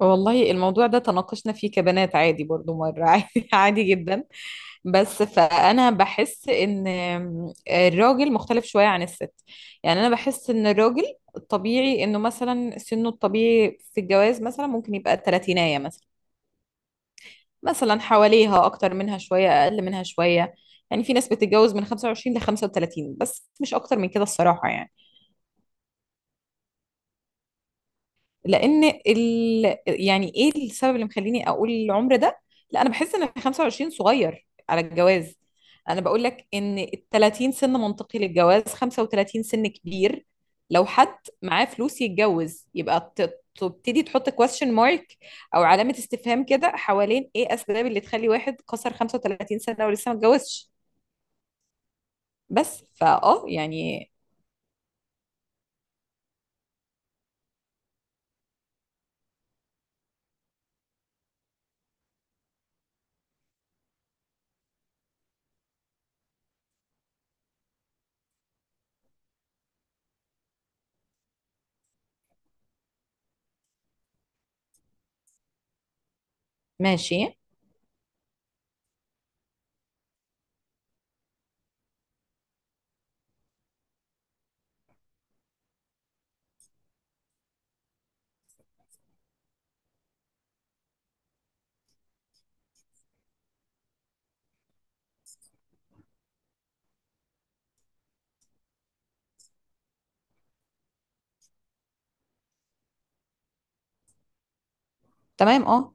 والله الموضوع ده تناقشنا فيه كبنات، عادي برضو مرة. عادي، عادي جدا. بس فأنا بحس إن الراجل مختلف شوية عن الست. يعني أنا بحس إن الراجل الطبيعي، إنه مثلا سنه الطبيعي في الجواز مثلا ممكن يبقى تلاتيناية مثلا. مثلا حواليها، أكتر منها شوية، أقل منها شوية. يعني في ناس بتتجوز من 25 ل 35، بس مش أكتر من كده الصراحة يعني. يعني ايه السبب اللي مخليني اقول العمر ده؟ لا، انا بحس ان 25 صغير على الجواز. انا بقول لك ان ال 30 سن منطقي للجواز، 35 سن كبير. لو حد معاه فلوس يتجوز يبقى تبتدي تحط question mark او علامة استفهام كده، حوالين ايه اسباب اللي تخلي واحد كسر 35 سنة ولسه ما اتجوزش. بس يعني. ماشي. تمام، اه.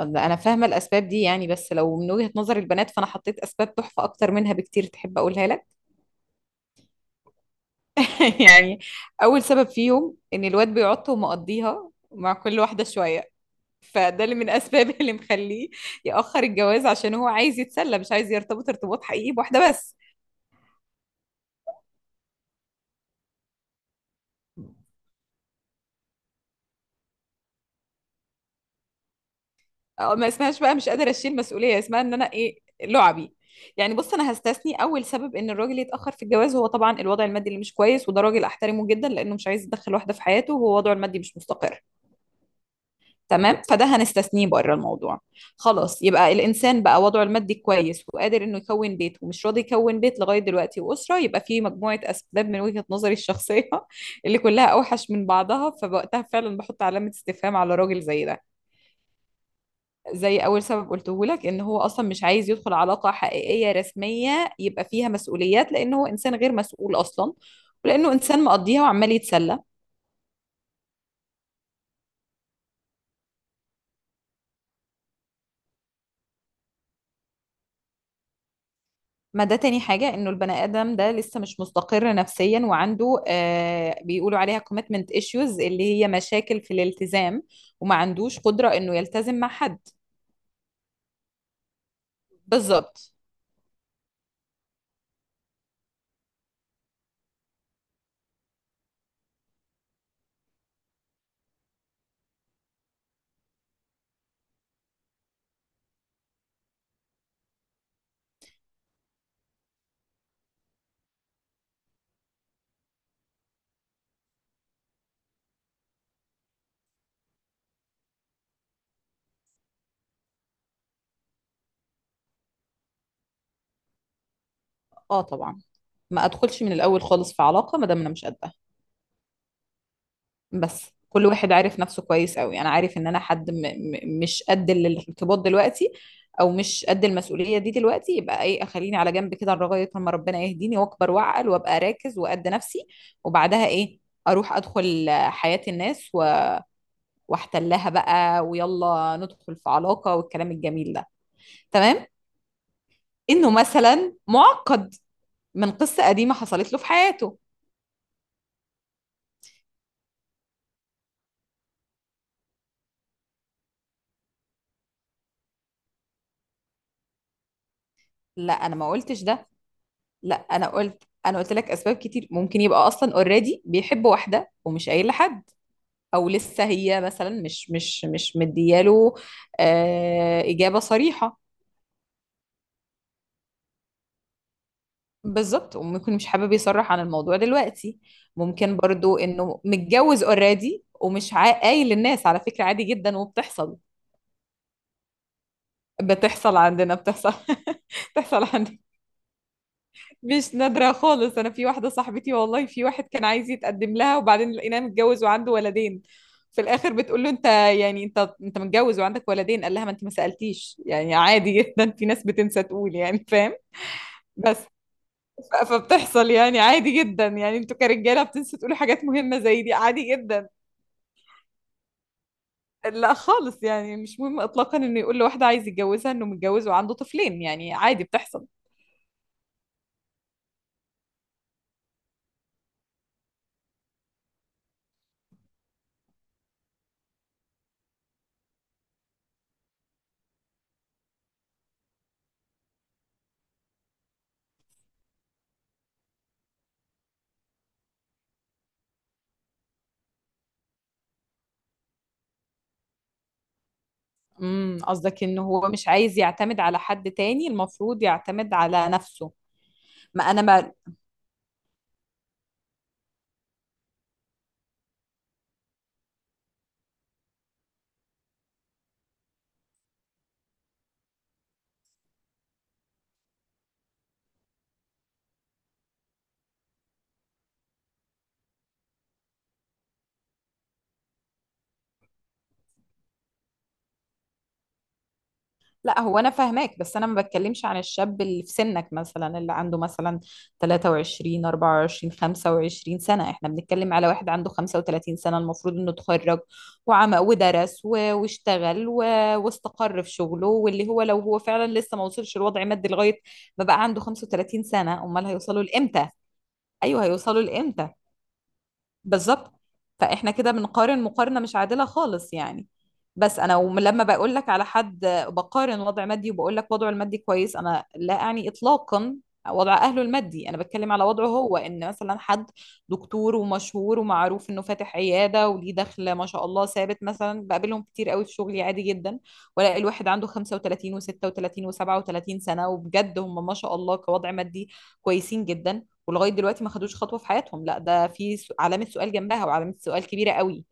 انا فاهمه الاسباب دي يعني، بس لو من وجهه نظر البنات، فانا حطيت اسباب تحفه اكتر منها بكتير. تحب اقولها لك؟ يعني، اول سبب فيهم ان الواد بيعط ومقضيها مع كل واحده شويه. فده اللي من اسباب اللي مخليه ياخر الجواز، عشان هو عايز يتسلى، مش عايز يرتبط ارتباط حقيقي بواحده بس. أو ما اسمهاش بقى، مش قادره اشيل مسؤوليه، اسمها ان انا ايه، لعبي. يعني بص، انا هستثني اول سبب ان الراجل يتاخر في الجواز، هو طبعا الوضع المادي اللي مش كويس، وده راجل احترمه جدا لانه مش عايز يدخل واحده في حياته وهو وضعه المادي مش مستقر. تمام، فده هنستثنيه بره الموضوع. خلاص، يبقى الانسان بقى وضعه المادي كويس وقادر انه يكون بيت، ومش راضي يكون بيت لغايه دلوقتي واسره، يبقى في مجموعه اسباب من وجهه نظري الشخصيه اللي كلها اوحش من بعضها. فوقتها فعلا بحط علامه استفهام على راجل زي ده. زي اول سبب قلته لك، ان هو اصلا مش عايز يدخل علاقه حقيقيه رسميه يبقى فيها مسؤوليات، لان هو انسان غير مسؤول اصلا. ولانه انسان مقضيها وعمال يتسلى. ما ده تاني حاجة، انه البني ادم ده لسه مش مستقر نفسيا، وعنده بيقولوا عليها commitment issues اللي هي مشاكل في الالتزام. وما عندوش قدرة انه يلتزم مع حد. بالظبط، اه طبعا. ما ادخلش من الاول خالص في علاقة ما دام انا مش قد. بس كل واحد عارف نفسه كويس قوي، انا عارف ان انا حد م م مش قد الارتباط دلوقتي، او مش قد المسؤوليه دي دلوقتي، يبقى ايه، اخليني على جنب كده لغايه لما ربنا يهديني واكبر واعقل وابقى راكز وقد نفسي. وبعدها ايه، اروح ادخل حياه الناس واحتلها بقى، ويلا ندخل في علاقه والكلام الجميل ده. تمام. انه مثلا معقد من قصه قديمه حصلت له في حياته. لا، انا ما قلتش ده. لا، انا قلت لك اسباب كتير. ممكن يبقى اصلا اوريدي بيحب واحده ومش قايل لحد، او لسه هي مثلا مش مدياله آه اجابه صريحه. بالظبط، وممكن مش حابب يصرح عن الموضوع دلوقتي. ممكن برضو انه متجوز اوريدي ومش قايل للناس، على فكره عادي جدا وبتحصل. بتحصل عندنا، بتحصل. بتحصل عندنا، مش نادرة خالص. أنا في واحدة صاحبتي والله، في واحد كان عايز يتقدم لها وبعدين لقيناه متجوز وعنده ولدين. في الآخر بتقول له: أنت يعني، أنت متجوز وعندك ولدين؟ قال لها: ما أنت ما سألتيش، يعني عادي جدا، في ناس بتنسى تقول، يعني فاهم. بس فبتحصل يعني عادي جدا، يعني أنتوا كرجالة بتنسوا تقولوا حاجات مهمة زي دي، عادي جدا. لا خالص، يعني مش مهم إطلاقا إنه يقول لواحدة عايز يتجوزها إنه متجوز وعنده طفلين، يعني عادي بتحصل. قصدك ان هو مش عايز يعتمد على حد تاني، المفروض يعتمد على نفسه. ما انا ما لا، هو انا فاهماك بس انا ما بتكلمش عن الشاب اللي في سنك مثلا، اللي عنده مثلا 23 24 25 سنة. احنا بنتكلم على واحد عنده 35 سنة، المفروض انه اتخرج وعمل ودرس واشتغل واستقر في شغله، واللي هو لو هو فعلا لسه ما وصلش لوضع مادي لغاية ما بقى عنده 35 سنة، امال هيوصلوا لامتى؟ ايوه، هيوصلوا لامتى. بالظبط. فاحنا كده بنقارن مقارنة مش عادلة خالص يعني. بس انا لما بقول لك على حد، بقارن وضع مادي وبقول لك وضعه المادي كويس، انا لا اعني اطلاقا وضع اهله المادي. انا بتكلم على وضعه هو، ان مثلا حد دكتور ومشهور ومعروف انه فاتح عيادة وليه دخل ما شاء الله ثابت. مثلا بقابلهم كتير قوي في شغلي عادي جدا، والاقي الواحد عنده 35 و36 و37 سنة، وبجد هم ما شاء الله كوضع مادي كويسين جدا. ولغايه دلوقتي ما خدوش خطوه في حياتهم. لا، ده في علامه سؤال جنبها، وعلامه سؤال كبيره قوي.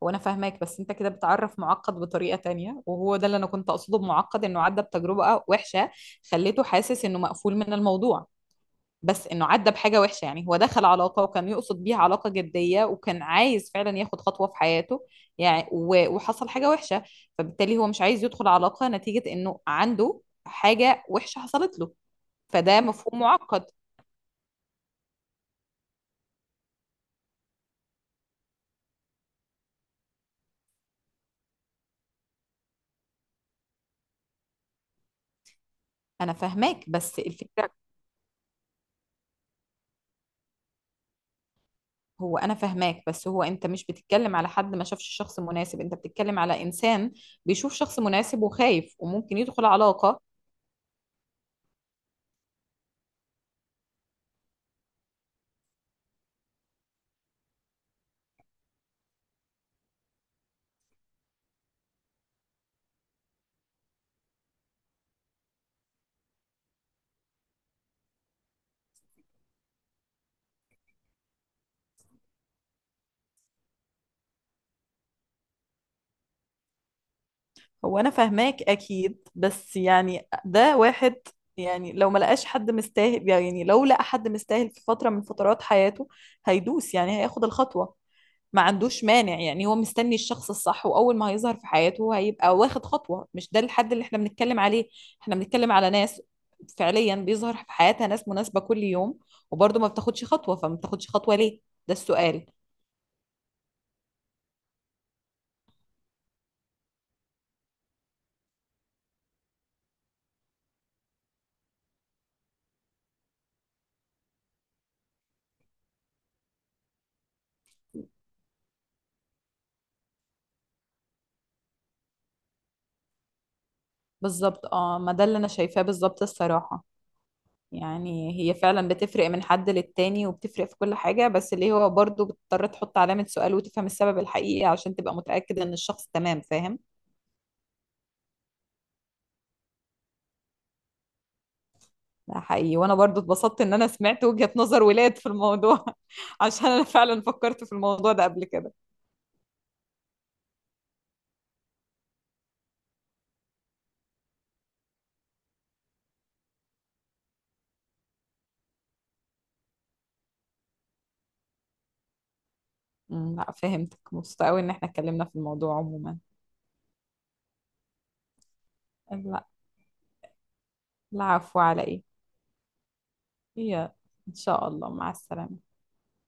وانا فاهماك، بس انت كده بتعرف معقد بطريقه تانية، وهو ده اللي انا كنت اقصده بمعقد، انه عدى بتجربه وحشه خليته حاسس انه مقفول من الموضوع. بس انه عدى بحاجه وحشه، يعني هو دخل علاقه وكان يقصد بيها علاقه جديه وكان عايز فعلا ياخد خطوه في حياته، يعني وحصل حاجه وحشه. فبالتالي هو مش عايز يدخل علاقه نتيجه انه عنده حاجه وحشه حصلت له. فده مفهوم معقد. انا فاهماك بس الفكره. هو انا فاهماك، بس هو انت مش بتتكلم على حد ما شافش شخص مناسب، انت بتتكلم على انسان بيشوف شخص مناسب وخايف وممكن يدخل علاقة. هو انا فاهماك اكيد، بس يعني ده واحد، يعني لو ما لقاش حد مستاهل، يعني لو لقى حد مستاهل في فترة من فترات حياته، هيدوس يعني هياخد الخطوة. ما عندوش مانع. يعني هو مستني الشخص الصح، واول ما هيظهر في حياته هو هيبقى واخد خطوة. مش ده الحد اللي احنا بنتكلم عليه. احنا بنتكلم على ناس فعليا بيظهر في حياتها ناس مناسبة كل يوم، وبرضه ما بتاخدش خطوة. فما بتاخدش خطوة ليه؟ ده السؤال. بالظبط اه، ما ده اللي انا شايفاه بالظبط الصراحة. يعني هي فعلا بتفرق من حد للتاني وبتفرق في كل حاجة، بس اللي هو برضه بتضطر تحط علامة سؤال وتفهم السبب الحقيقي عشان تبقى متأكد ان الشخص تمام، فاهم؟ ده حقيقي، وانا برضو اتبسطت ان انا سمعت وجهة نظر ولاد في الموضوع. عشان انا فعلا فكرت في الموضوع ده قبل كده. لا، فهمتك، مبسوطة قوي ان احنا اتكلمنا في الموضوع عموما. لا، العفو على ايه. هي، ان شاء الله، مع السلامة.